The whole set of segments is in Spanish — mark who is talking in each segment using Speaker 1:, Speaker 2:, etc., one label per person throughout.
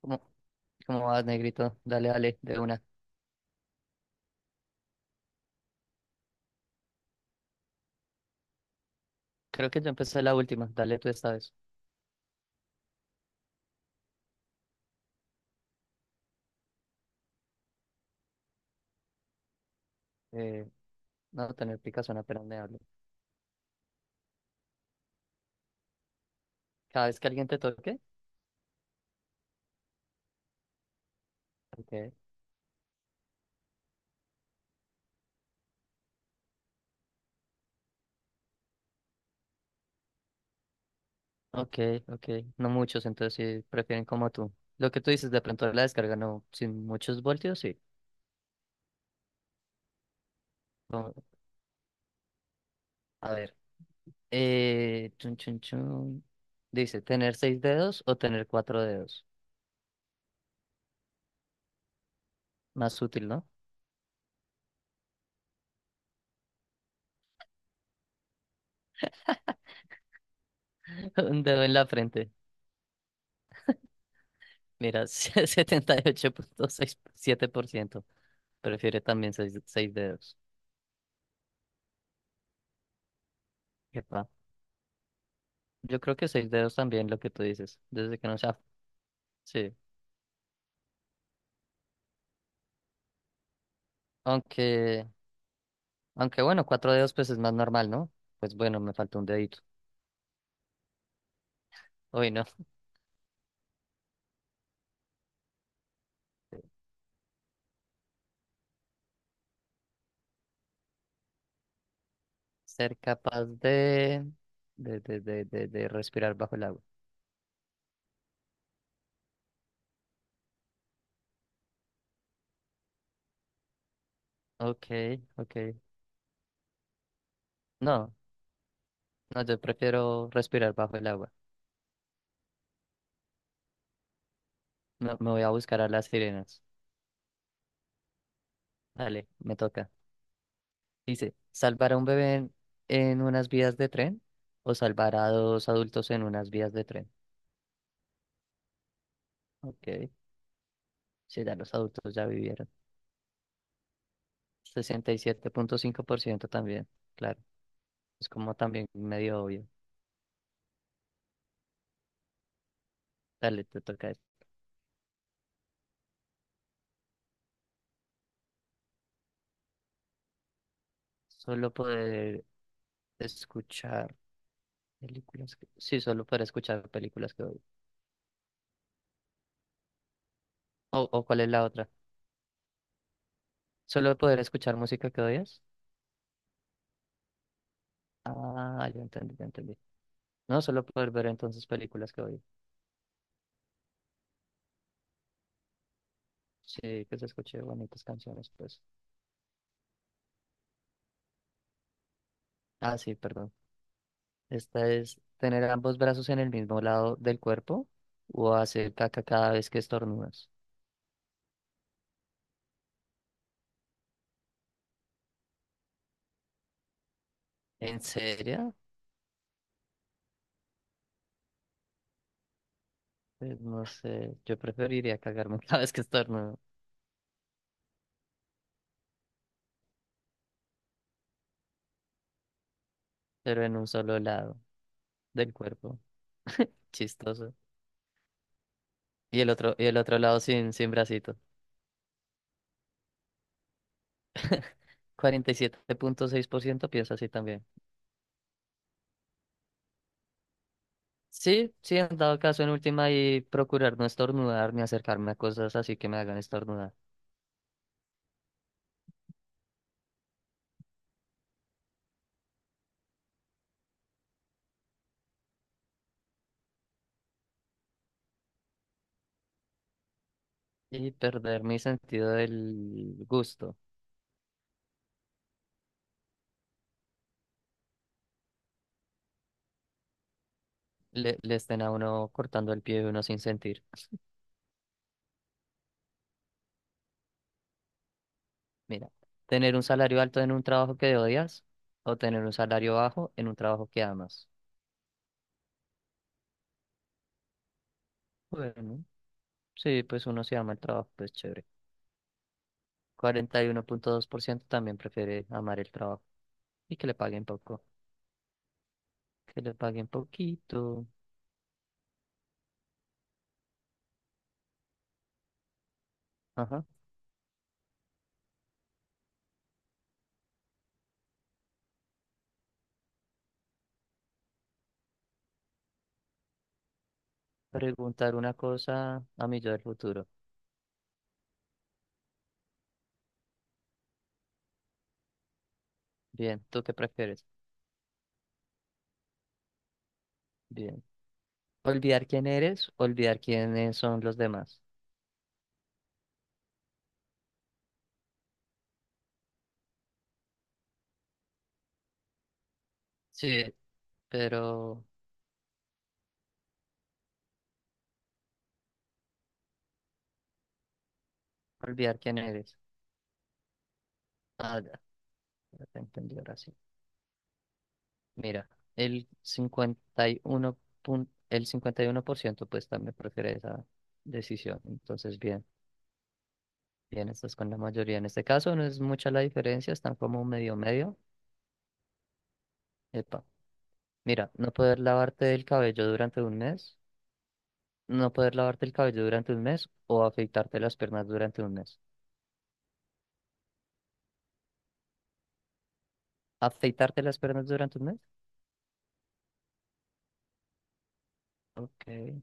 Speaker 1: ¿Cómo, cómo vas, negrito? Dale, dale, de una. Creo que yo empecé la última. Dale tú esta vez. Eh, no tener picazón apenas me hablo. Cada vez que alguien te toque. Ok. Ok, ok. No muchos, entonces sí prefieren como tú. Lo que tú dices de pronto la descarga, no. Sin muchos voltios, sí. No, a ver. Chun, chun, chun. Dice, ¿tener seis dedos o tener cuatro dedos? Más útil, ¿no? Un dedo en la frente. Mira, 78,67%, prefiere también seis, seis dedos. Epa. Yo creo que seis dedos también, lo que tú dices, desde que no sea. Sí. Aunque, aunque bueno, cuatro dedos pues es más normal, ¿no? Pues bueno, me faltó un dedito. Hoy no. Ser capaz de respirar bajo el agua. Ok, ok. No, no, yo prefiero respirar bajo el agua. No, me voy a buscar a las sirenas. Dale, me toca. Dice, ¿salvar a un bebé en unas vías de tren o salvar a dos adultos en unas vías de tren? Ok, si ya los adultos ya vivieron. 67,5% también, claro. Es como también medio obvio. Dale, te toca. Solo poder escuchar películas que... Sí, solo poder escuchar películas que odio. O, ¿cuál es la otra? ¿Solo poder escuchar música que odias? Ah, ya entendí, ya entendí. No, solo poder ver entonces películas que odio. Sí, que se escuche bonitas canciones, pues. Ah, sí, perdón. Esta es tener ambos brazos en el mismo lado del cuerpo o hacer caca cada vez que estornudas. ¿En serio? Pues no sé, yo preferiría cagarme cada vez que estornudo, pero en un solo lado del cuerpo. Chistoso. Y el otro lado sin bracito. 47,6% piensa así también. Sí, sí, en dado caso, en última, y procurar no estornudar ni acercarme a cosas así que me hagan estornudar. Y perder mi sentido del gusto. Le estén a uno cortando el pie de uno sin sentir. Mira, tener un salario alto en un trabajo que odias o tener un salario bajo en un trabajo que amas. Bueno, sí, pues uno se ama el trabajo, pues chévere. 41,2% también prefiere amar el trabajo y que le paguen poco, que le paguen poquito. Ajá. Preguntar una cosa a mi yo del futuro. Bien, ¿tú qué prefieres? Bien. Olvidar quién eres, olvidar quiénes son los demás. Sí, pero olvidar quién eres. Ah, ya, ya te entendí ahora sí. Mira, el 51 el 51%, pues también prefiere esa decisión. Entonces, bien, bien, estás con la mayoría. En este caso no es mucha la diferencia, están como medio medio. Epa, mira, no poder lavarte el cabello durante un mes, no poder lavarte el cabello durante un mes o afeitarte las piernas durante un mes. ¿Afeitarte las piernas durante un mes? Ok. Y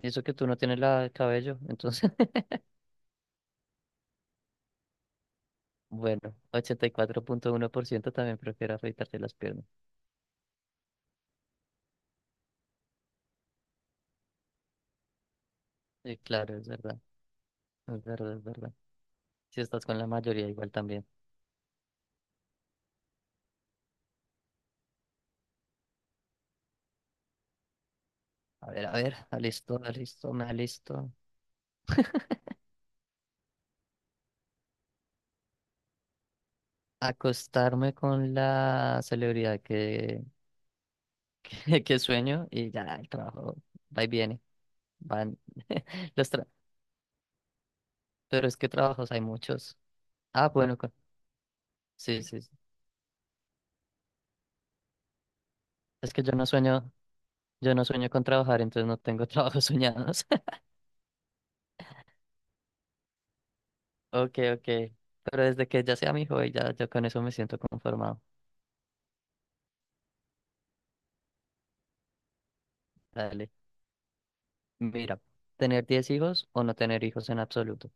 Speaker 1: eso que tú no tienes la el cabello, entonces, bueno, 84,1% también prefiere afeitarte las piernas. Sí, claro, es verdad. Es verdad, es verdad. Si estás con la mayoría, igual también. A ver, alisto, alisto, me alisto. Acostarme con la celebridad que sueño y ya el trabajo va y viene. Van los tra- Pero es que trabajos hay muchos. Ah, bueno. Sí, sí, sí. Es que yo no sueño con trabajar, entonces no tengo trabajos soñados. Ok, ok. Pero desde que ya sea mi hobby, ya yo con eso me siento conformado. Dale. Mira, ¿tener 10 hijos o no tener hijos en absoluto?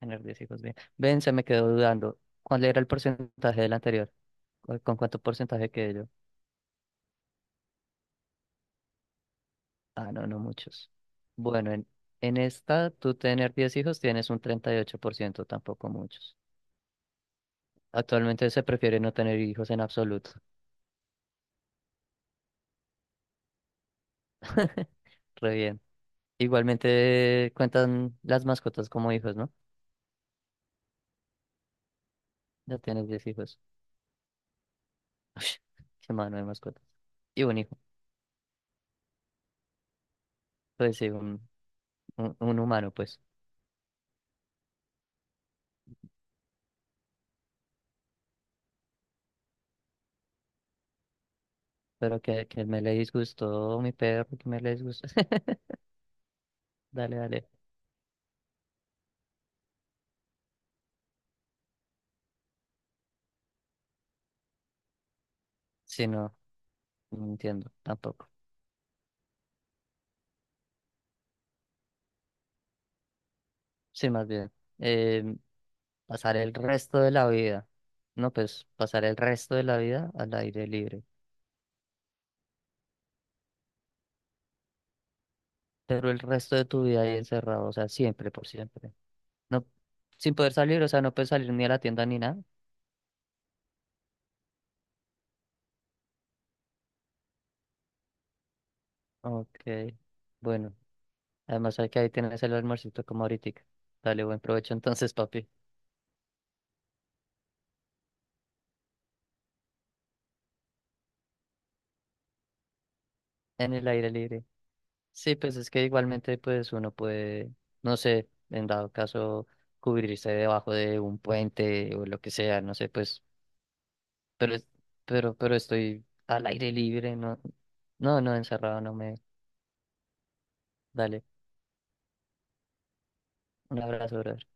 Speaker 1: Tener 10 hijos, bien. Ven, se me quedó dudando. ¿Cuál era el porcentaje del anterior? ¿Con cuánto porcentaje quedé yo? Ah, no, no muchos. Bueno, en esta, tú tener 10 hijos tienes un 38% tampoco muchos. Actualmente se prefiere no tener hijos en absoluto. Re bien. Igualmente cuentan las mascotas como hijos, ¿no? Ya tienes 10 hijos. Qué mano de mascotas. Y un hijo. Pues sí, un humano, pues. Pero que me le disgustó mi perro, que me le disgustó. Dale, dale. Sí, no, no entiendo tampoco. Sí, más bien, eh, pasar el resto de la vida, no, pues pasar el resto de la vida al aire libre, pero el resto de tu vida ahí encerrado, o sea, siempre, por siempre. No, sin poder salir, o sea, no puedes salir ni a la tienda ni nada. Ok, bueno, además hay que ahí tienes el almuercito como ahorita. Dale, buen provecho entonces, papi, en el aire libre. Sí, pues es que igualmente pues uno puede, no sé, en dado caso cubrirse debajo de un puente o lo que sea, no sé, pues, pero pero estoy al aire libre, no, no, no encerrado, no me, dale, un abrazo, brother.